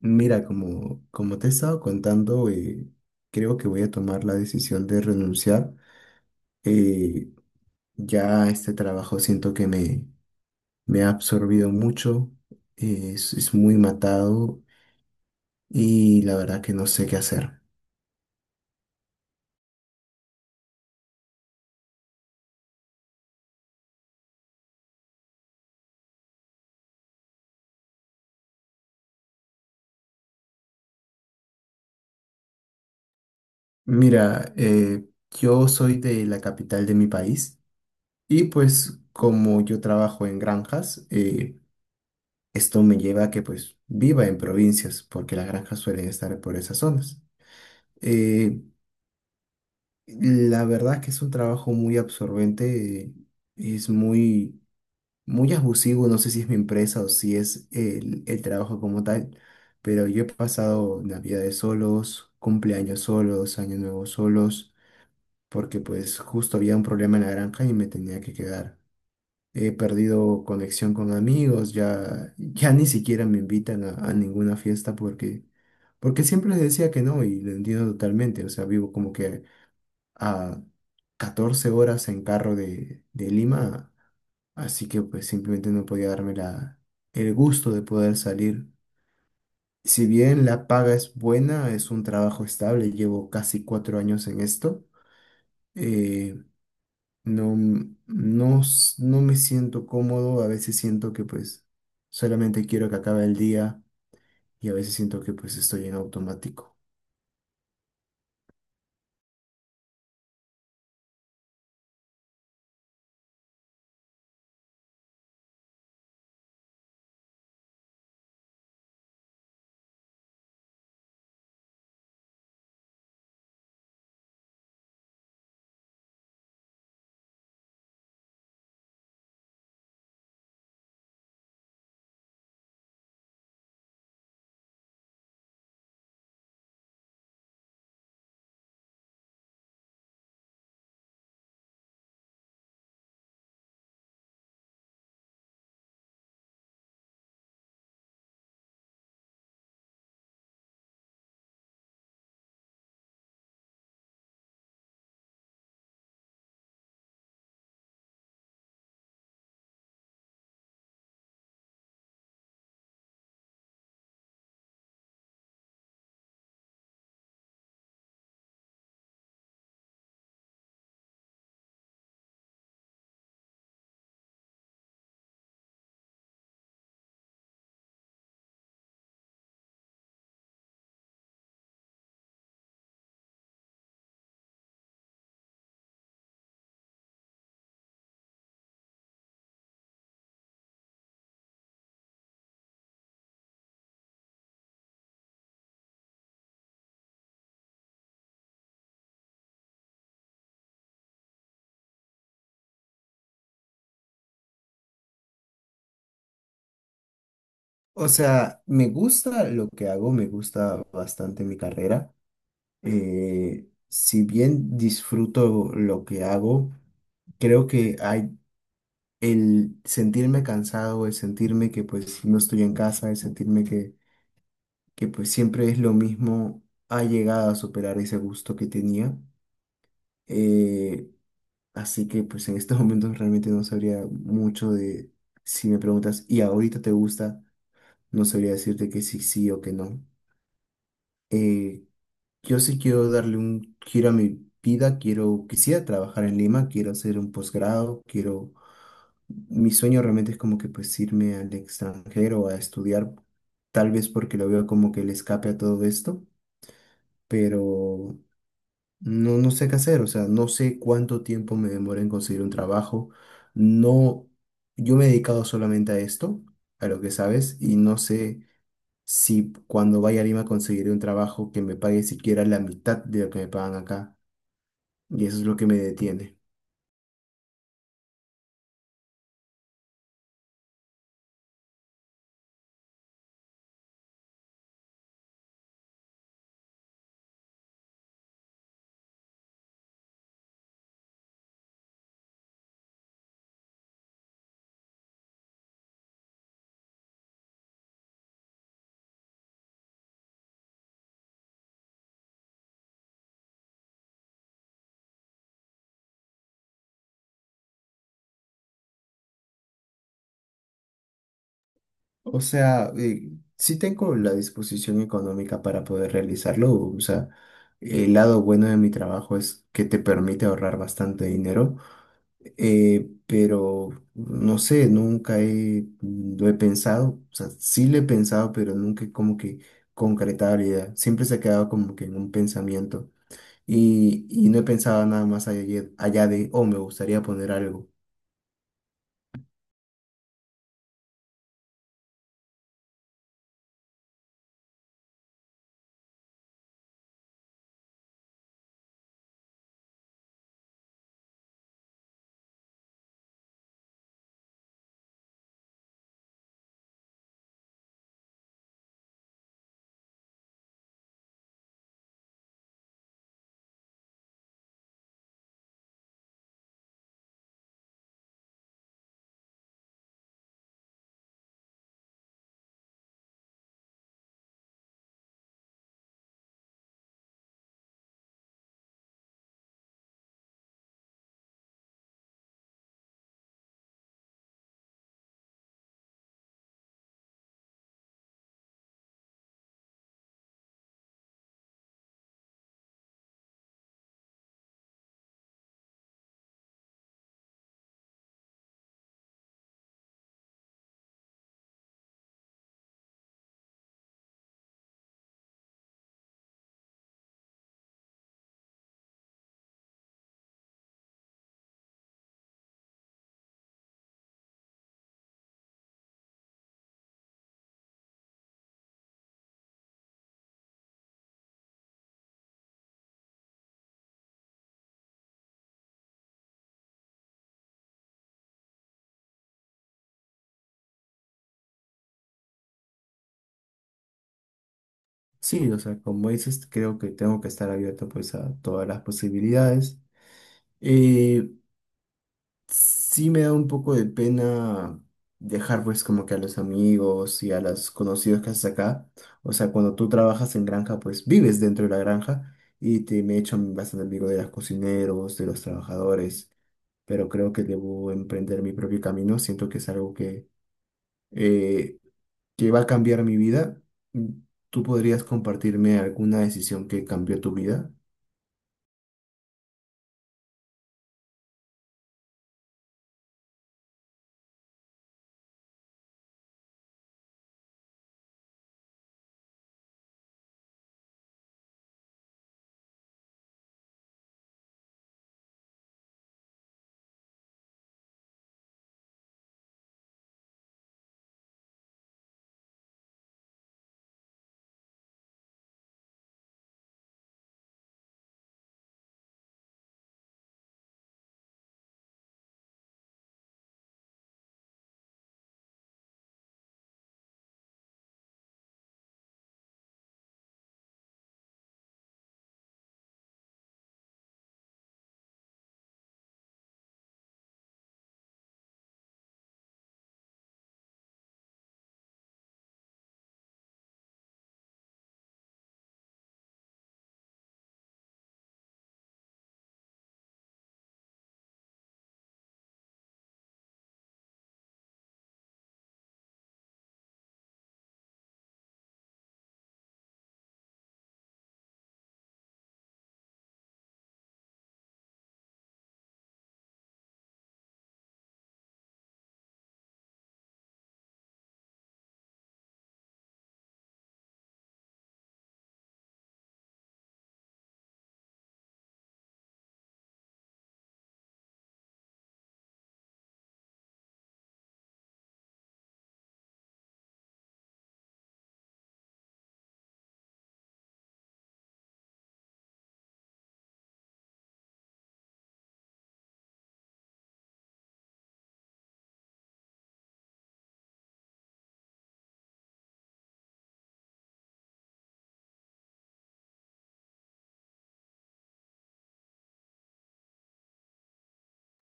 Mira, como te he estado contando, creo que voy a tomar la decisión de renunciar. Eh, ya este trabajo siento que me ha absorbido mucho, es muy matado y la verdad que no sé qué hacer. Mira, yo soy de la capital de mi país y pues como yo trabajo en granjas, esto me lleva a que pues viva en provincias porque las granjas suelen estar por esas zonas. Eh, La verdad es que es un trabajo muy absorbente, es muy, muy abusivo, no sé si es mi empresa o si es el trabajo como tal, pero yo he pasado navidades solos, cumpleaños solos, año nuevo solos, porque pues justo había un problema en la granja y me tenía que quedar. He perdido conexión con amigos, ya ni siquiera me invitan a ninguna fiesta porque siempre les decía que no y lo entiendo totalmente, o sea, vivo como que a 14 horas en carro de Lima, así que pues simplemente no podía darme el gusto de poder salir. Si bien la paga es buena, es un trabajo estable, llevo casi 4 años en esto, eh, no me siento cómodo, a veces siento que pues solamente quiero que acabe el día y a veces siento que pues estoy en automático. O sea, me gusta lo que hago, me gusta bastante mi carrera, si bien disfruto lo que hago, creo que hay el sentirme cansado, el sentirme que pues no estoy en casa, el sentirme que pues siempre es lo mismo, ha llegado a superar ese gusto que tenía. Eh, Así que pues en estos momentos realmente no sabría mucho de, si me preguntas, ¿y ahorita te gusta? No sabría decirte que sí, sí o que no. Eh, Yo sí quiero darle un giro a mi vida, quisiera trabajar en Lima, quiero hacer un posgrado, quiero, mi sueño realmente es como que pues irme al extranjero a estudiar, tal vez porque lo veo como que el escape a todo esto, pero no sé qué hacer, o sea, no sé cuánto tiempo me demora en conseguir un trabajo, no, yo me he dedicado solamente a esto, a lo que sabes, y no sé si cuando vaya a Lima conseguiré un trabajo que me pague siquiera la mitad de lo que me pagan acá, y eso es lo que me detiene. O sea, sí tengo la disposición económica para poder realizarlo. O sea, el lado bueno de mi trabajo es que te permite ahorrar bastante dinero, pero no sé, nunca he, lo he pensado. O sea, sí lo he pensado, pero nunca he como que concretado la idea. Siempre se ha quedado como que en un pensamiento. Y no he pensado nada más allá, allá de, oh, me gustaría poner algo. Sí, o sea, como dices, creo que tengo que estar abierto pues a todas las posibilidades. Eh, sí me da un poco de pena dejar pues como que a los amigos y a los conocidos que haces acá. O sea, cuando tú trabajas en granja, pues vives dentro de la granja y te me he hecho bastante amigo de los cocineros, de los trabajadores, pero creo que debo emprender mi propio camino. Siento que es algo eh, que va a cambiar mi vida. ¿Tú podrías compartirme alguna decisión que cambió tu vida?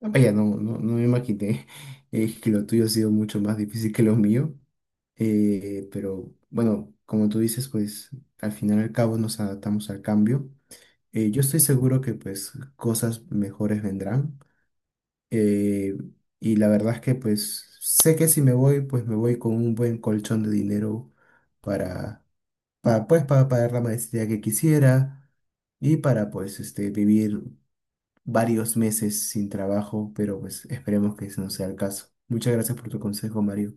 Vaya, no me imaginé que lo tuyo ha sido mucho más difícil que lo mío. Pero bueno, como tú dices, pues al final y al cabo nos adaptamos al cambio. Yo estoy seguro que pues cosas mejores vendrán. Eh, y la verdad es que pues sé que si me voy, pues me voy con un buen colchón de dinero para, para pues para pagar la maestría que quisiera y para pues este vivir varios meses sin trabajo, pero pues esperemos que ese no sea el caso. Muchas gracias por tu consejo, Mario.